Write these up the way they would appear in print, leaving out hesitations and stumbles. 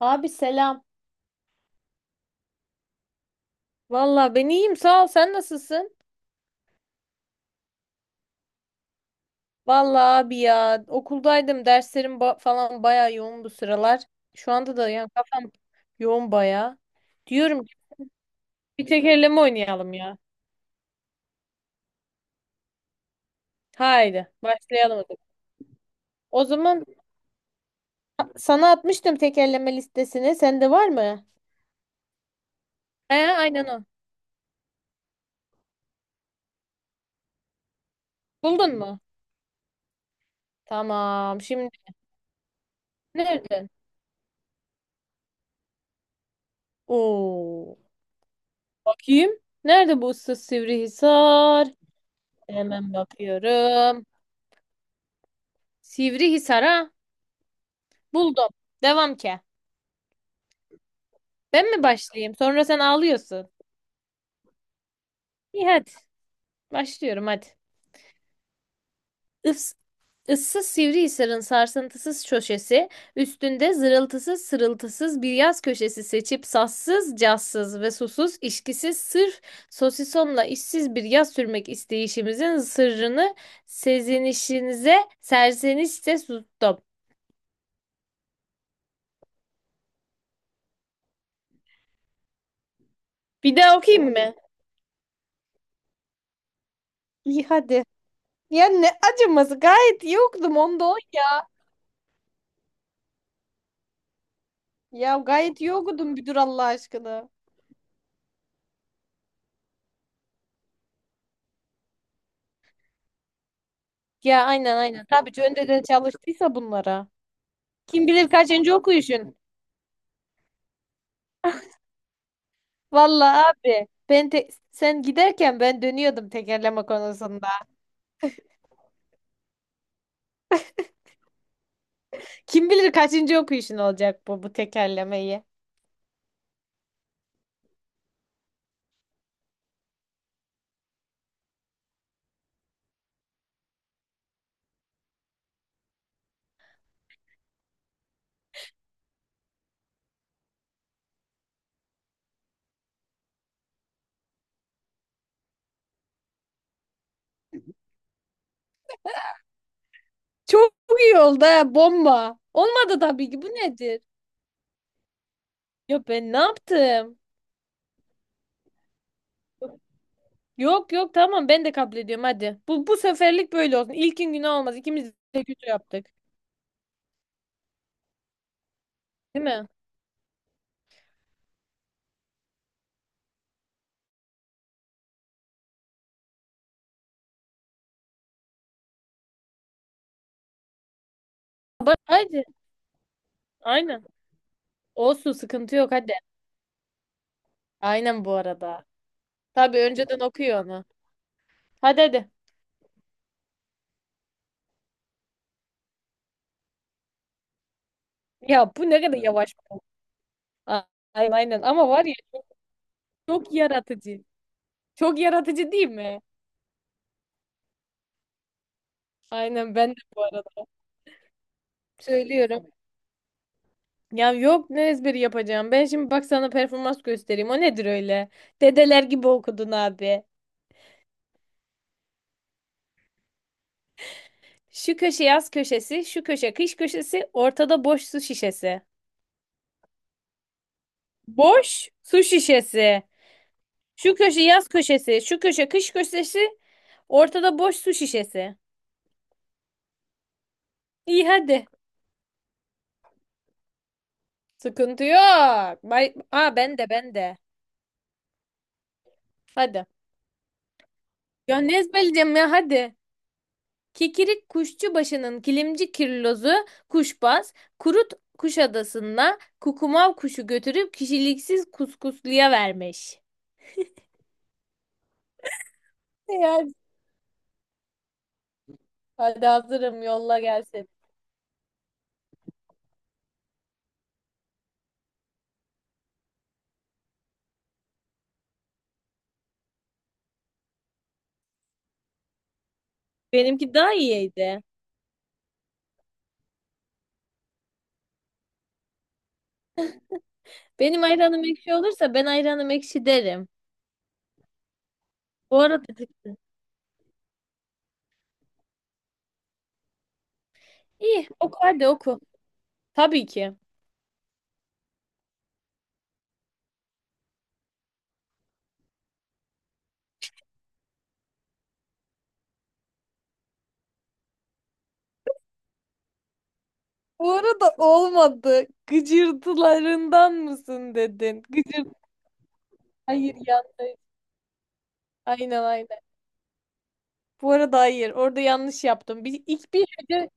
Abi selam. Valla ben iyiyim, sağ ol, sen nasılsın? Valla abi ya, okuldaydım, derslerim falan baya yoğun bu sıralar. Şu anda da yani kafam yoğun baya. Diyorum ki bir tekerleme oynayalım ya. Haydi başlayalım, hadi. O zaman sana atmıştım tekerleme listesini. Sende var mı? He, aynen o. Buldun mu? Tamam şimdi nerede? Oo, bakayım. Nerede bu ıssız Sivrihisar? Hemen bakıyorum. Sivrihisar'a buldum. Devam ke. Ben mi başlayayım? Sonra sen ağlıyorsun. İyi hadi. Başlıyorum hadi. Is ıssız Sivrihisar'ın sarsıntısız köşesi, üstünde zırıltısız sırıltısız bir yaz köşesi seçip sassız, cazsız ve susuz, işkisiz, sırf sosisonla işsiz bir yaz sürmek isteyişimizin sırrını sezinişinize serzenişte sustum. Bir daha okuyayım mı? İyi hadi. Ya ne acıması, gayet iyi okudum onda on. Ya gayet iyi okudun müdür Allah aşkına. Ya aynen aynen. Tabii ki önceden çalıştıysa bunlara. Kim bilir kaçıncı okuyuşun. Vallahi abi ben sen giderken ben dönüyordum tekerleme konusunda. Kim bilir kaçıncı okuyuşun olacak bu tekerlemeyi. Çok iyi oldu ha, bomba. Olmadı tabii ki, bu nedir? Ya ben ne yaptım? Yok yok tamam, ben de kabul ediyorum hadi. Bu seferlik böyle olsun. İlkin günah olmaz. İkimiz de kötü yaptık. Değil mi? Bak hadi. Aynen. Olsun, sıkıntı yok hadi. Aynen bu arada. Tabii önceden okuyor onu. Hadi hadi. Ya bu ne kadar yavaş. A- Aynen aynen, ama var ya çok yaratıcı. Çok yaratıcı değil mi? Aynen ben de bu arada. Söylüyorum. Ya yok, ne ezberi yapacağım. Ben şimdi bak sana performans göstereyim. O nedir öyle? Dedeler gibi okudun abi. Şu köşe yaz köşesi, şu köşe kış köşesi, ortada boş su şişesi. Boş su şişesi. Şu köşe yaz köşesi, şu köşe kış köşesi, ortada boş su şişesi. İyi hadi. Sıkıntı yok. Bay Aa, ben de. Hadi. Ya ne ezberleyeceğim ya, hadi. Kikirik Kuşçubaşı'nın kilimci kirlozu kuşbaz, kurut Kuşadası'na kukumav kuşu götürüp kişiliksiz kuskusluya vermiş. Eğer hadi hazırım, yolla gelsin. Benimki daha iyiydi. Benim ayranım ekşi olursa ben ayranım ekşi derim. Bu arada iyi oku, hadi oku. Tabii ki. Bu arada olmadı. Gıcırtılarından mısın dedin. Gıcırt. Hayır yanlış. Aynen aynen. Bu arada hayır. Orada yanlış yaptım. Bir, ilk bir hece.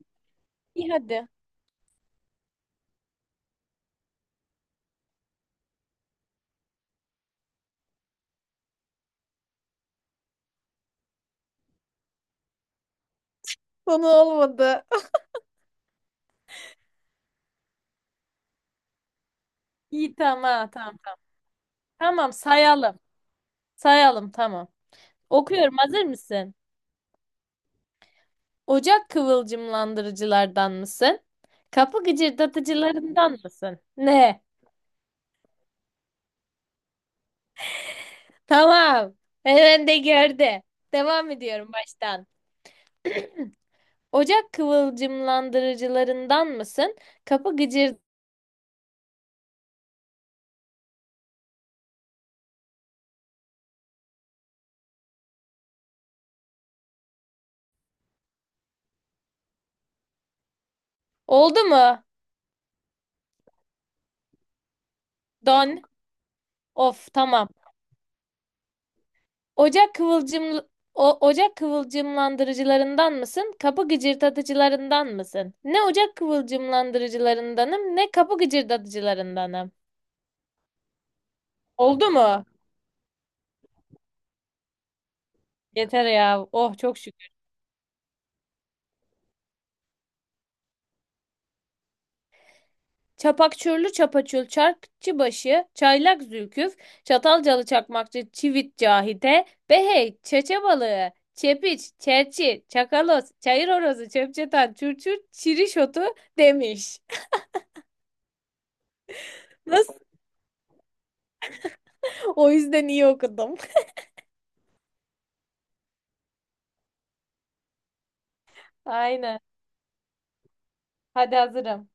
İyi hadi. Konu olmadı. İyi tamam tamam tamam. Tamam sayalım. Sayalım tamam. Okuyorum, hazır mısın? Ocak kıvılcımlandırıcılardan mısın? Kapı gıcırdatıcılarından mısın? Ne? Tamam. Hemen de gördü. Devam ediyorum baştan. Ocak kıvılcımlandırıcılarından mısın? Kapı gıcır... Oldu mu? Don. Of tamam. Ocak kıvılcım Ocak kıvılcımlandırıcılarından mısın? Kapı gıcırdatıcılarından mısın? Ne ocak kıvılcımlandırıcılarındanım, ne kapı gıcırdatıcılarındanım. Oldu mu? Yeter ya. Oh çok şükür. Çapakçürlü çapaçul çarkçıbaşı, çaylak zülküf, çatalcalı çakmakçı çivit cahide, behey, çeçe balığı, çepiç, çerçi, çakalos, çayır horozu, çöpçetan, çurçur, çiriş otu demiş. Nasıl? O yüzden iyi okudum. Aynen. Hadi hazırım.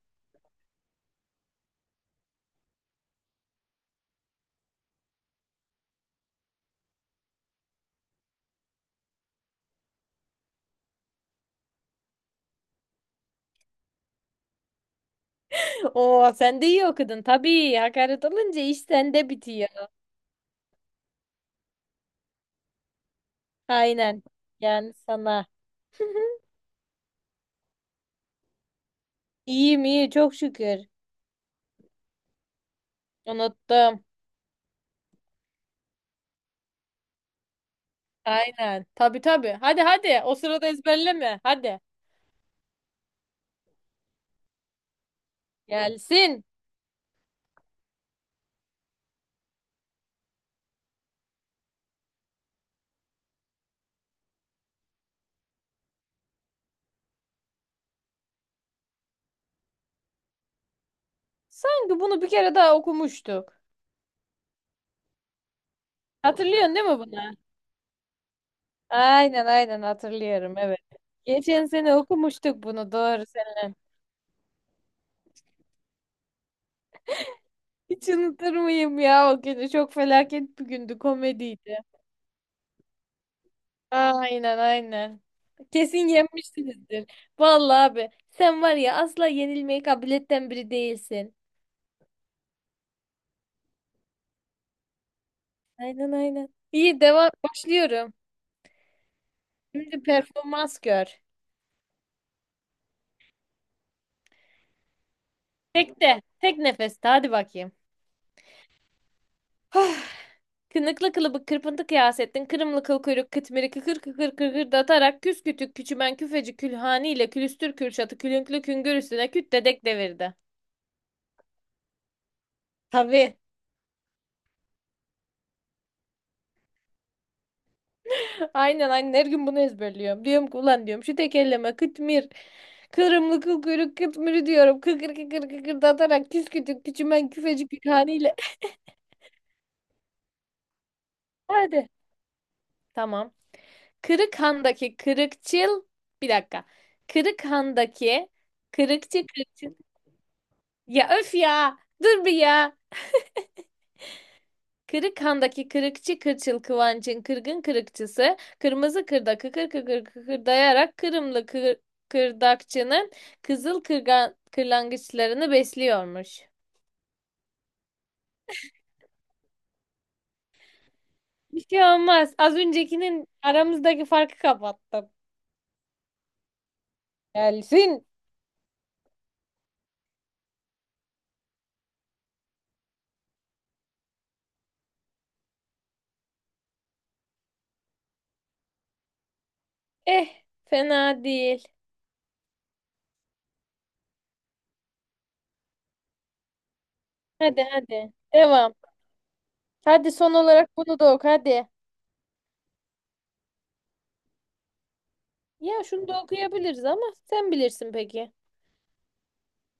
Oo sen de iyi okudun. Tabii hakaret olunca iş sende bitiyor. Aynen. Yani sana. İyiyim iyi, çok şükür. Unuttum. Aynen. Tabii tabii. Hadi hadi. O sırada ezberleme. Hadi. Gelsin. Sanki bunu bir kere daha okumuştuk. Hatırlıyorsun değil mi bunu? Aynen aynen hatırlıyorum, evet. Geçen sene okumuştuk bunu doğru seninle. Hiç unutur muyum ya o günü? Çok felaket bir gündü, komediydi. Aynen aynen. Kesin yenmişsinizdir. Vallahi abi sen var ya, asla yenilmeye kabiliyetten biri değilsin. Aynen aynen. İyi devam, başlıyorum. Şimdi performans gör. Tek nefeste hadi bakayım. Ah. Kınıklı kılıbık kırpıntı kıyasettin. Kırımlı kıl kuyruk kıtmiri kıkır kıkır kıkır datarak küs kütük küçümen küfeci külhani ile külüstür kürşatı külünklü küngür üstüne küt dedek devirdi. Tabii. Aynen aynen her gün bunu ezberliyorum. Diyorum ki ulan, diyorum şu tekerleme kıtmir. Kırımlı kıl kuyruk kıtmiri diyorum. Kıkır kıkır kıkırdatarak küskütük küçümen küfecik bir haliyle. Hadi. Tamam. Kırıkhan'daki kırıkçıl. Bir dakika. Kırıkhan'daki kırıkçı kırıkçıl. Ya öf ya. Dur bir ya. Kırıkhan'daki kırıkçı kırçıl Kıvanç'ın kırgın kırıkçısı, kırmızı kırda kıkır kıkır kıkırdayarak kırdakçının kızıl kırgan, kırlangıçlarını besliyormuş. Bir şey olmaz. Az öncekinin aramızdaki farkı kapattım. Gelsin. Eh, fena değil. Hadi hadi. Devam. Hadi son olarak bunu da oku hadi. Ya şunu da okuyabiliriz ama sen bilirsin, peki.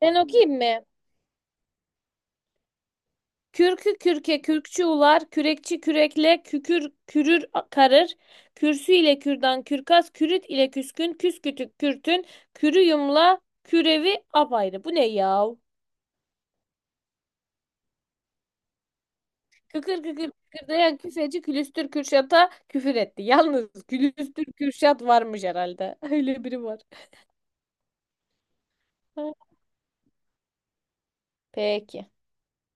Ben okuyayım mı? Kürkü kürke kürkçü ular, kürekçi kürekle kükür kürür karır. Kürsü ile kürdan kürkas, kürüt ile küskün, küskütük kürtün, kürü yumla, kürevi apayrı. Bu ne yav? Kıkır kıkır kıkırdayan küfeci külüstür kürşata küfür etti. Yalnız külüstür kürşat varmış herhalde. Öyle biri var. Peki.